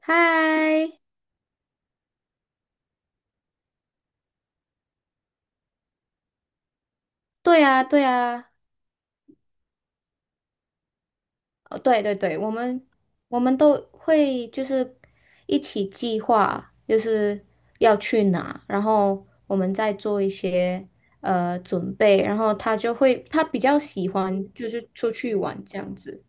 嗨，对啊，对啊，哦，对对对，我们都会就是一起计划，就是要去哪，然后我们再做一些准备，然后他就会他比较喜欢就是出去玩这样子。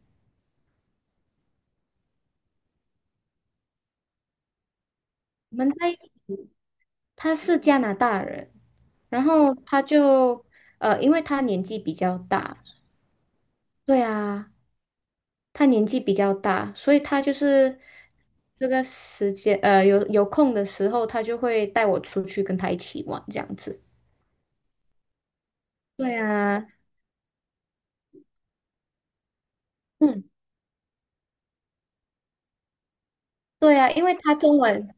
我们在他是加拿大人，然后因为他年纪比较大，对啊。他年纪比较大，所以他就是这个时间，有空的时候，他就会带我出去跟他一起玩这样子。对啊，嗯，对啊，因为他中文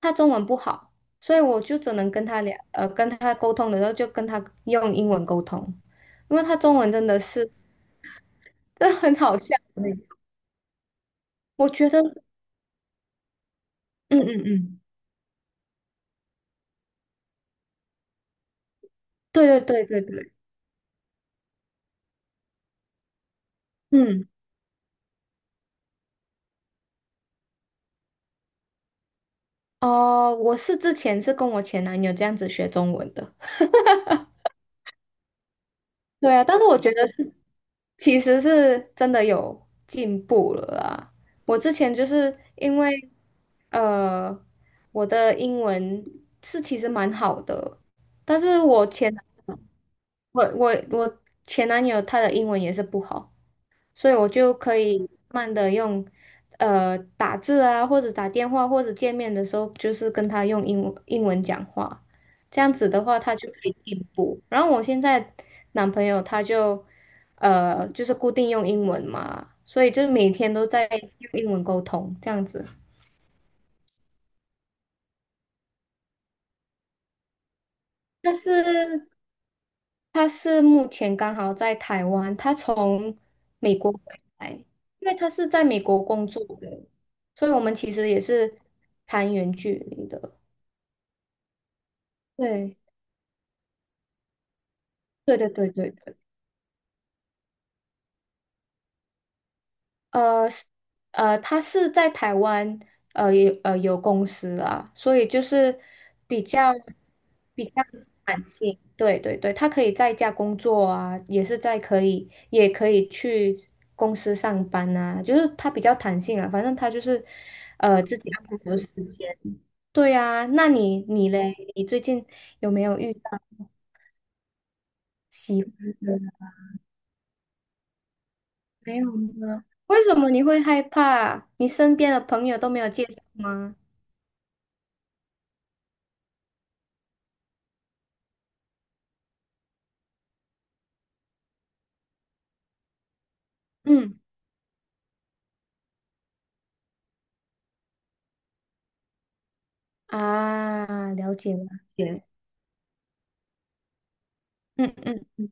他中文不好，所以我就只能跟他沟通的时候就跟他用英文沟通，因为他中文真的是真的很好笑的那种。我觉得，嗯嗯嗯，对对对对对，嗯，哦、之前是跟我前男友这样子学中文的。对啊，但是我觉得是其实是真的有进步了啊！我之前就是因为呃，我的英文是其实蛮好的，但是我前男友他的英文也是不好，所以我就可以慢慢的用，打字啊，或者打电话，或者见面的时候，就是跟他用英文讲话，这样子的话，他就可以进步。然后我现在男朋友他就是固定用英文嘛，所以就是每天都在用英文沟通，这样子。但是他是目前刚好在台湾，他从美国回来，因为他是在美国工作的，所以我们其实也是谈远距离的。对，对对对对。呃是他是在台湾有公司啊，所以就是比较比较弹性，对对对，他可以在家工作啊，也可以去公司上班啊，就是他比较弹性啊，反正他就是自己安排好时间。对啊，那你嘞，你最近有没有遇到喜欢的人？没有吗？为什么你会害怕？你身边的朋友都没有介绍吗？嗯。啊，了解了解，嗯嗯嗯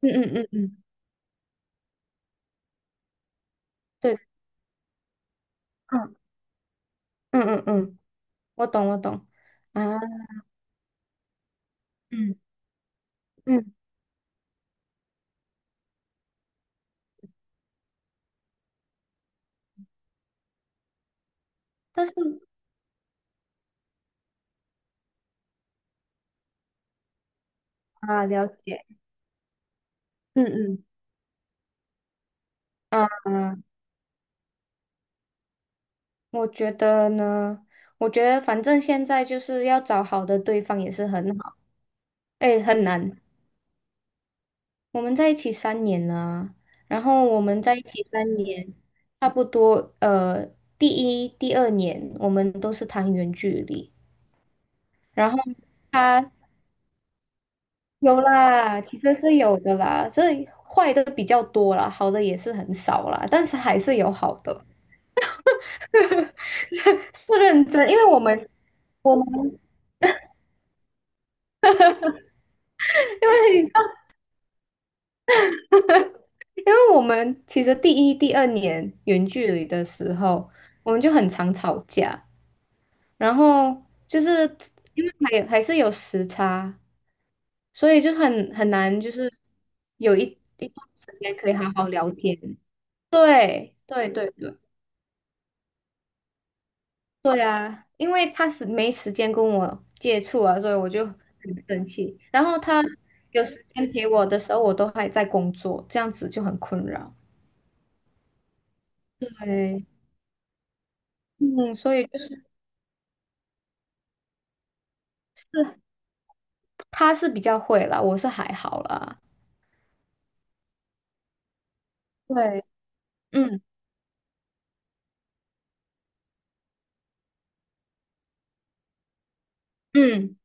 嗯嗯嗯嗯，对，嗯嗯嗯嗯，我懂我懂啊，嗯嗯，但是啊，了解，嗯嗯啊，我觉得呢，我觉得反正现在就是要找好的对方也是很好，哎，很难。我们在一起三年了啊，然后我们在一起三年，差不多第一、第二年我们都是谈远距离，然后他有啦，其实是有的啦，所以坏的比较多啦，好的也是很少啦，但是还是有好的。是认真，因为我们我们因为 因为我们其实第一、第二年远距离的时候，我们就很常吵架，然后就是因为还是有时差，所以就很难，就是有一段时间可以好好聊天。对对对对，对呀，因为他是没时间跟我接触啊，所以我就很生气。然后他有时间陪我的时候，我都还在工作，这样子就很困扰。对，嗯，所以就是他是比较会啦，我是还好啦。对，嗯嗯，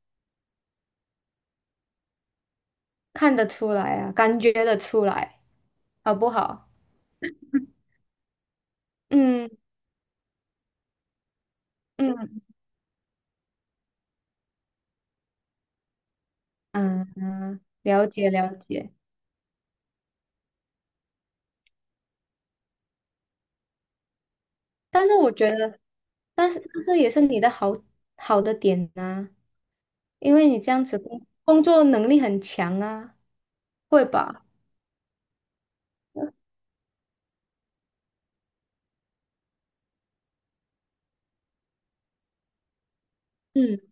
看得出来啊，感觉得出来，好不好？嗯嗯嗯嗯，了解了解。但是我觉得，但是这也是你的好的点呐、因为你这样子工作能力很强啊，会吧？嗯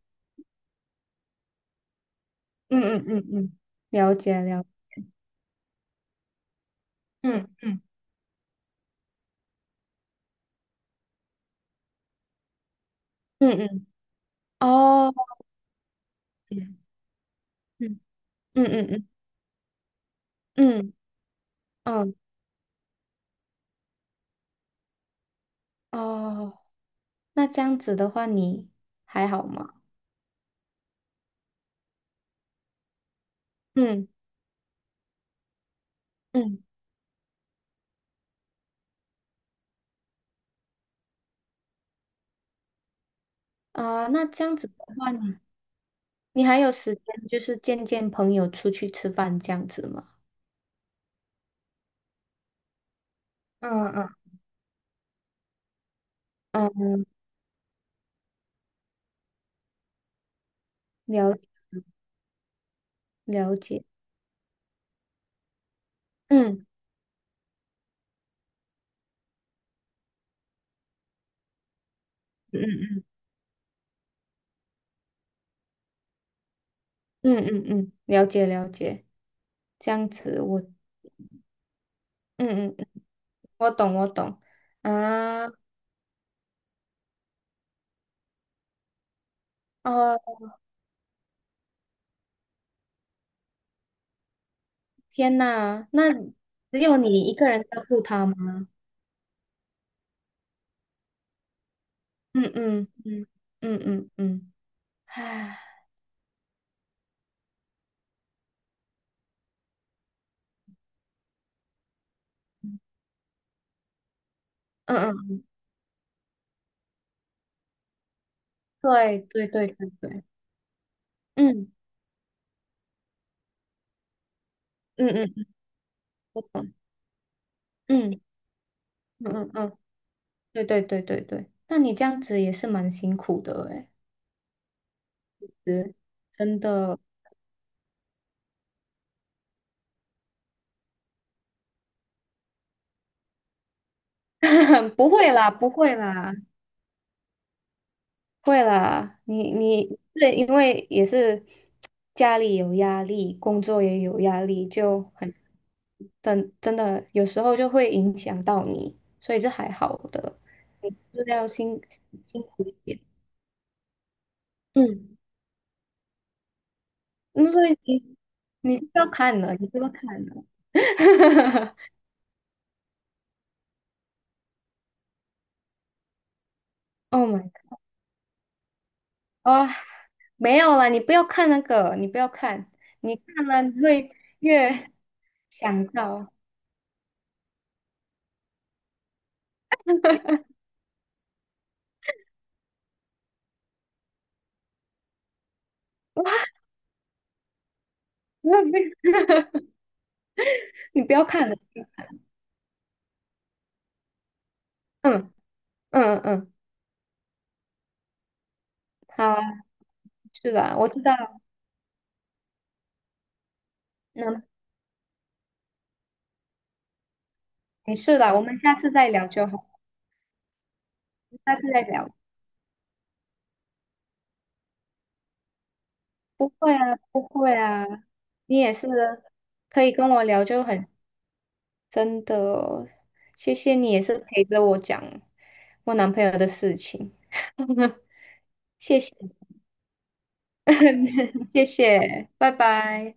嗯嗯嗯嗯，了解了解，嗯嗯嗯嗯，哦，嗯嗯嗯嗯嗯嗯，哦，那这样子的话你还好吗？嗯嗯啊，那这样子的话你还有时间就是见见朋友出去吃饭这样子吗？嗯嗯嗯，了了解，嗯嗯嗯嗯嗯，嗯，了解了解，这样子我。嗯嗯，我懂，我懂啊，哦，天呐，那 只有你一个人照顾他吗？嗯嗯嗯嗯嗯嗯，唉，嗯嗯，对对对对对，嗯嗯嗯，我懂，嗯嗯嗯嗯，对对对对对，那你这样子也是蛮辛苦的诶，是，真的，不会啦，不会啦，会啦，你对，因为也是家里有压力，工作也有压力，就很真的有时候就会影响到你，所以这还好的，你就是要辛苦一点。嗯，那所以你就要看了，你不要看了。Oh my god！哇，没有啦，你不要看那个，你不要看，你看了你会越想到，你不要看了。嗯嗯嗯，好啊，是的，我知道了，嗯，没事的，我们下次再聊就好，下次再聊。不会啊，不会啊，你也是可以跟我聊，就很真的，谢谢你也是陪着我讲我男朋友的事情，谢谢，谢谢，拜拜。